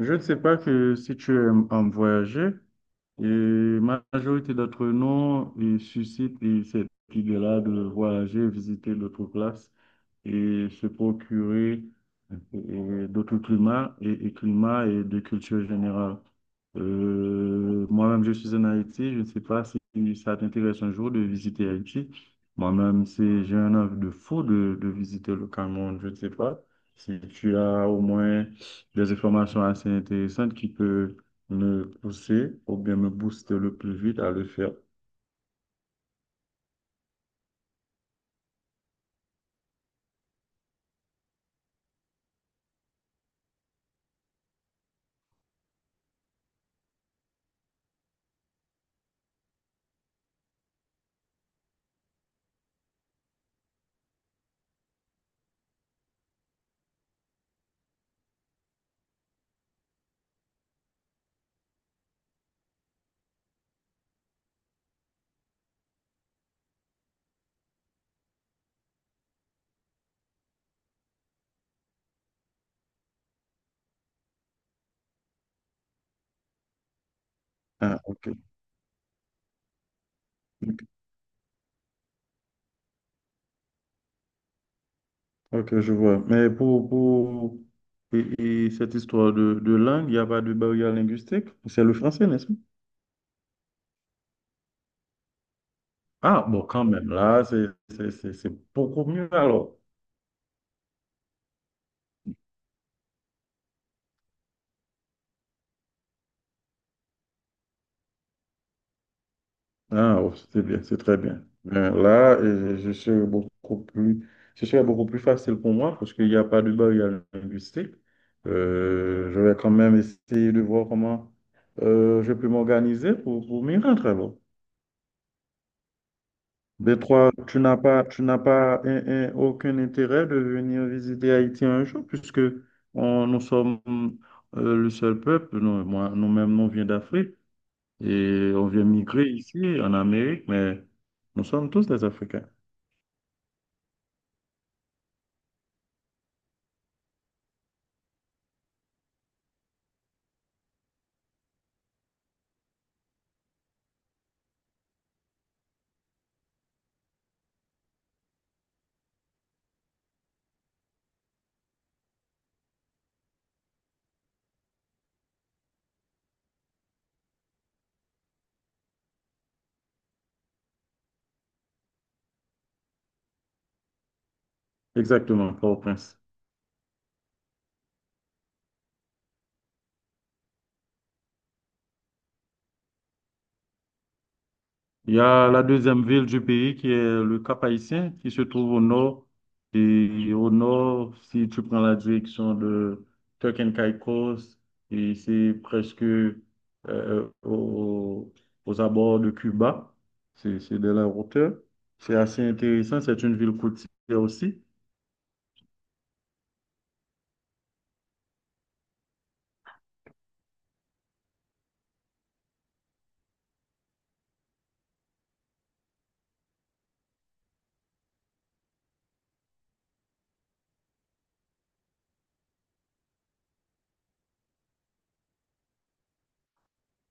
Je ne sais pas que si tu aimes voyager, et la majorité d'entre nous ils suscitent et cette idée-là de voyager, visiter d'autres places et se procurer d'autres climats et climats et de culture générale. Moi-même, je suis en Haïti. Je ne sais pas si ça t'intéresse un jour de visiter Haïti. Moi-même, c'est, j'ai un envie de fou de visiter le Cameroun. Je ne sais pas si tu as au moins des informations assez intéressantes qui peuvent me pousser ou bien me booster le plus vite à le faire. Ah, ok. Ok, ok, je vois. Mais pour et cette histoire de langue, il n'y a pas de barrière linguistique. C'est le français, n'est-ce pas? Ah, bon, quand même, là, c'est beaucoup mieux alors. Ah, oh, c'est bien, c'est très bien. Ben, là, je serais beaucoup plus, ce serait beaucoup plus facile pour moi parce qu'il n'y a pas de barrière linguistique. Je vais quand même essayer de voir comment je peux m'organiser pour m'y rendre, alors. Mais toi, tu n'as pas aucun intérêt de venir visiter Haïti un jour puisque nous sommes le seul peuple, nous, moi, nous-mêmes, nous vient d'Afrique. Et on vient migrer ici, en Amérique, mais nous sommes tous des Africains. Exactement, Port-au-Prince. Il y a la deuxième ville du pays qui est le Cap-Haïtien, qui se trouve au nord. Et au nord, si tu prends la direction de Turks and Caicos, et c'est presque au- aux abords de Cuba. C'est de la hauteur. C'est assez intéressant. C'est une ville côtière aussi.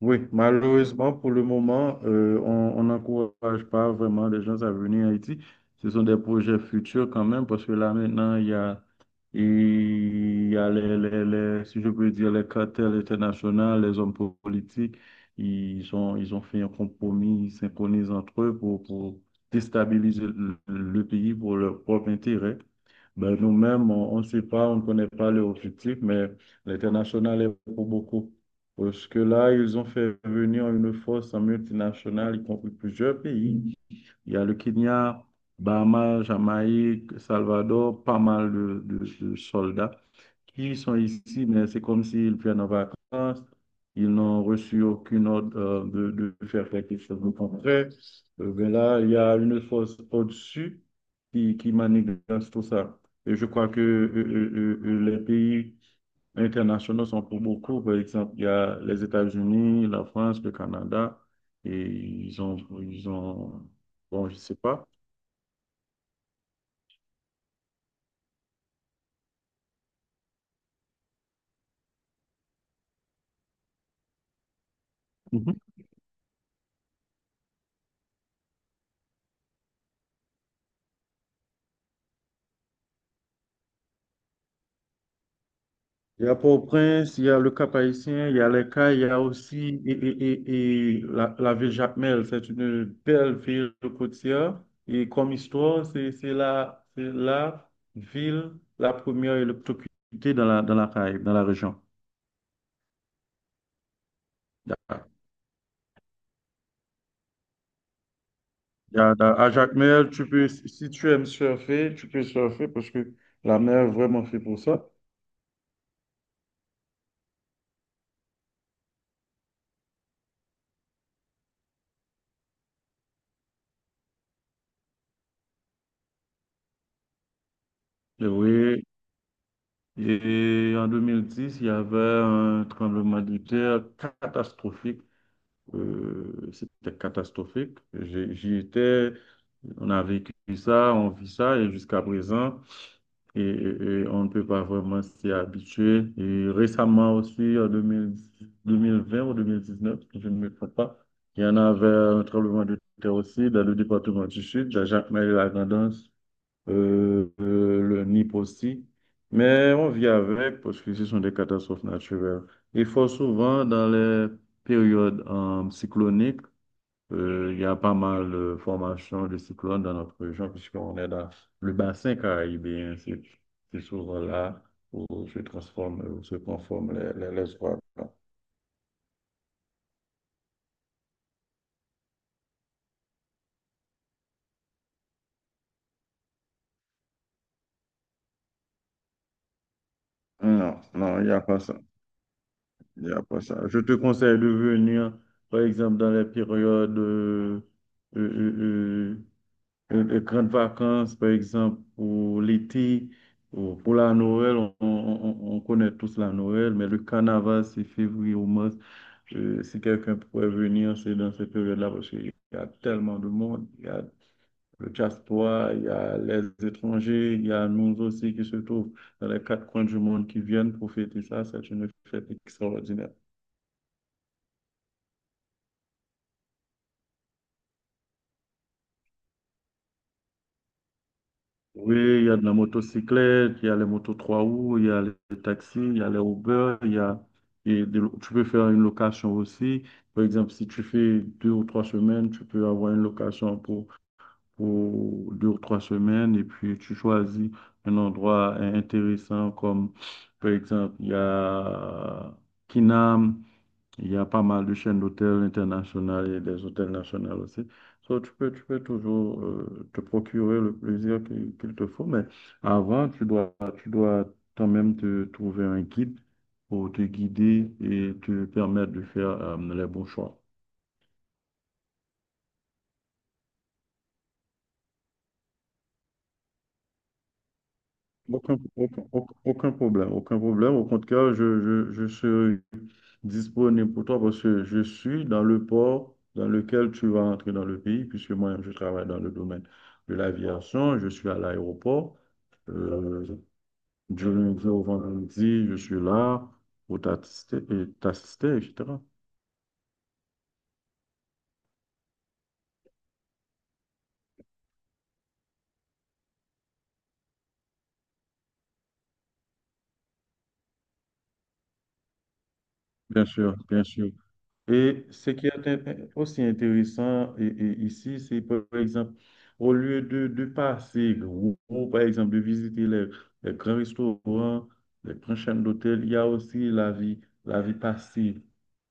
Oui, malheureusement, pour le moment, on n'encourage pas vraiment les gens à venir en Haïti. Ce sont des projets futurs quand même, parce que là maintenant, il y a si je peux dire, les cartels internationaux, les hommes politiques, ils ont fait un compromis, ils synchronisent entre eux pour déstabiliser le pays pour leur propre intérêt. Ben, nous-mêmes, on ne sait pas, on ne connaît pas leur objectif, mais l'international est pour beaucoup. Parce que là, ils ont fait venir une force multinationale, y compris plusieurs pays. Il y a le Kenya, Bahamas, Jamaïque, Salvador, pas mal de soldats qui sont ici, mais c'est comme s'ils viennent en vacances. Ils n'ont reçu aucune ordre de, de faire quelque chose de concret. Ben là, il y a une force au-dessus qui manipule tout ça. Et je crois que les pays internationaux sont pour beaucoup. Par exemple, il y a les États-Unis, la France, le Canada, et ils ont, bon, je sais pas. Mhm. Il y a Port-au-Prince, il y a le Cap-Haïtien, il y a les Cayes, il y a aussi et la ville Jacmel. C'est une belle ville côtière. Et comme histoire, c'est la ville la première électrocutée dans la Caraïbe, dans la région. Yeah, à Jacques Mel, tu peux, si tu aimes surfer, tu peux surfer parce que la mer est vraiment fait pour ça. Et oui, et en 2010, il y avait un tremblement de terre catastrophique. C'était catastrophique. J'y étais, on a vécu ça, on vit ça, et jusqu'à présent, et on ne peut pas vraiment s'y habituer. Et récemment aussi, en 2000 2020 ou 2019, si je ne me trompe pas, il y en avait un tremblement de terre aussi dans le département du Sud, à Jacmel-la-Grandance, le NIP aussi. Mais on vit avec parce que ce sont des catastrophes naturelles. Il faut souvent, dans les périodes cycloniques, il y a pas mal de formations de cyclones dans notre région, puisqu'on est dans le bassin caribéen. C'est souvent là où se transforment, où se conforment les ouragans. Non, non, il n'y a pas ça. Il n'y a pas ça. Je te conseille de venir, par exemple, dans les périodes euh, euh, de grandes vacances, par exemple, pour l'été, ou pour la Noël, on connaît tous la Noël, mais le carnaval, c'est février ou mars. Si quelqu'un pourrait venir, c'est dans cette période-là, parce qu'il y a tellement de monde. Il y a le diaspora, il y a les étrangers, il y a nous aussi qui se trouvent dans les quatre coins du monde qui viennent profiter ça. C'est une fête extraordinaire. Oui, il y a de la motocyclette, il y a les motos trois roues, il y a les taxis, il y a les Uber, il y a, tu peux faire une location aussi. Par exemple, si tu fais deux ou trois semaines, tu peux avoir une location pour deux ou trois semaines et puis tu choisis un endroit intéressant comme, par exemple, il y a Kinam, il y a pas mal de chaînes d'hôtels internationales et des hôtels nationaux aussi. So, tu peux toujours te procurer le plaisir qu'il te faut, mais avant, tu dois quand même te trouver un guide pour te guider et te permettre de faire les bons choix. Aucun problème, aucun problème. Au contraire, je serai disponible pour toi parce que je suis dans le port dans lequel tu vas entrer dans le pays, puisque moi, je travaille dans le domaine de l'aviation, je suis à l'aéroport. Euh, du lundi au vendredi, je suis là pour t'assister, et t'assister, etc. Bien sûr, bien sûr. Et ce qui est aussi intéressant et ici, c'est par exemple, au lieu de passer, ou, par exemple, de visiter les grands restaurants, les grandes chaînes d'hôtels, il y a aussi la vie passive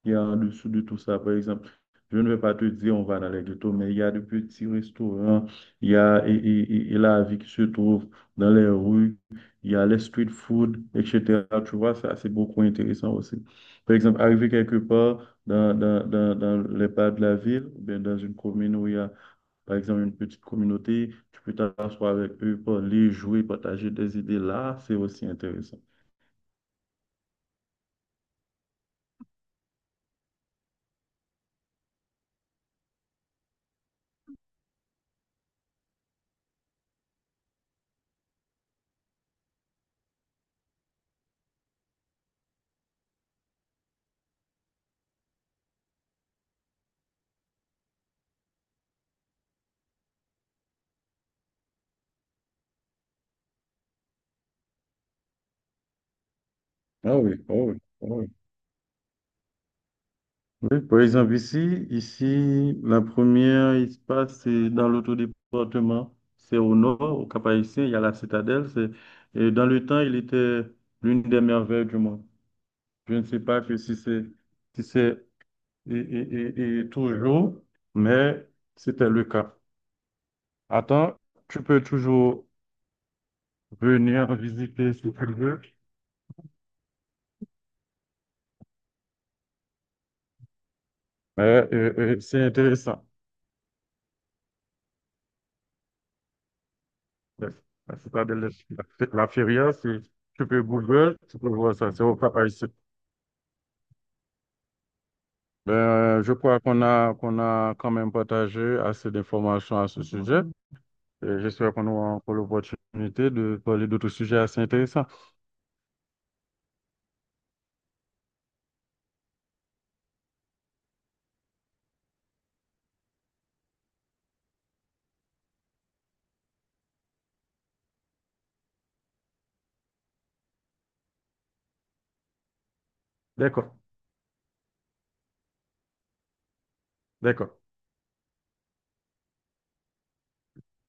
qui est en dessous de tout ça. Par exemple, je ne vais pas te dire on va dans les ghettos, mais il y a de petits restaurants, il y a et la vie qui se trouve dans les rues, il y a les street food, etc. Tu vois, ça, c'est beaucoup intéressant aussi. Par exemple, arriver quelque part, dans les bars de la ville, ou bien dans une commune où il y a, par exemple, une petite communauté, tu peux t'asseoir avec eux, parler, jouer, partager des idées. Là, c'est aussi intéressant. Ah oui, ah oui, ah oui. Oui, par exemple, ici, la première espace, c'est dans l'autre département, c'est au nord, au Cap-Haïtien, il y a la citadelle. C'est, et dans le temps, il était l'une des merveilles du monde. Je ne sais pas que si c'est et toujours, mais c'était le cas. Attends, tu peux toujours venir visiter si tu veux, mais c'est intéressant. La la citadelle de la Feria, tu peux Google, tu peux voir ça, c'est au Cap Haïtien. Ben, je crois qu'on a quand même partagé assez d'informations à ce sujet. Et j'espère qu'on aura encore l'opportunité de parler d'autres sujets assez intéressants. D'accord, d'accord.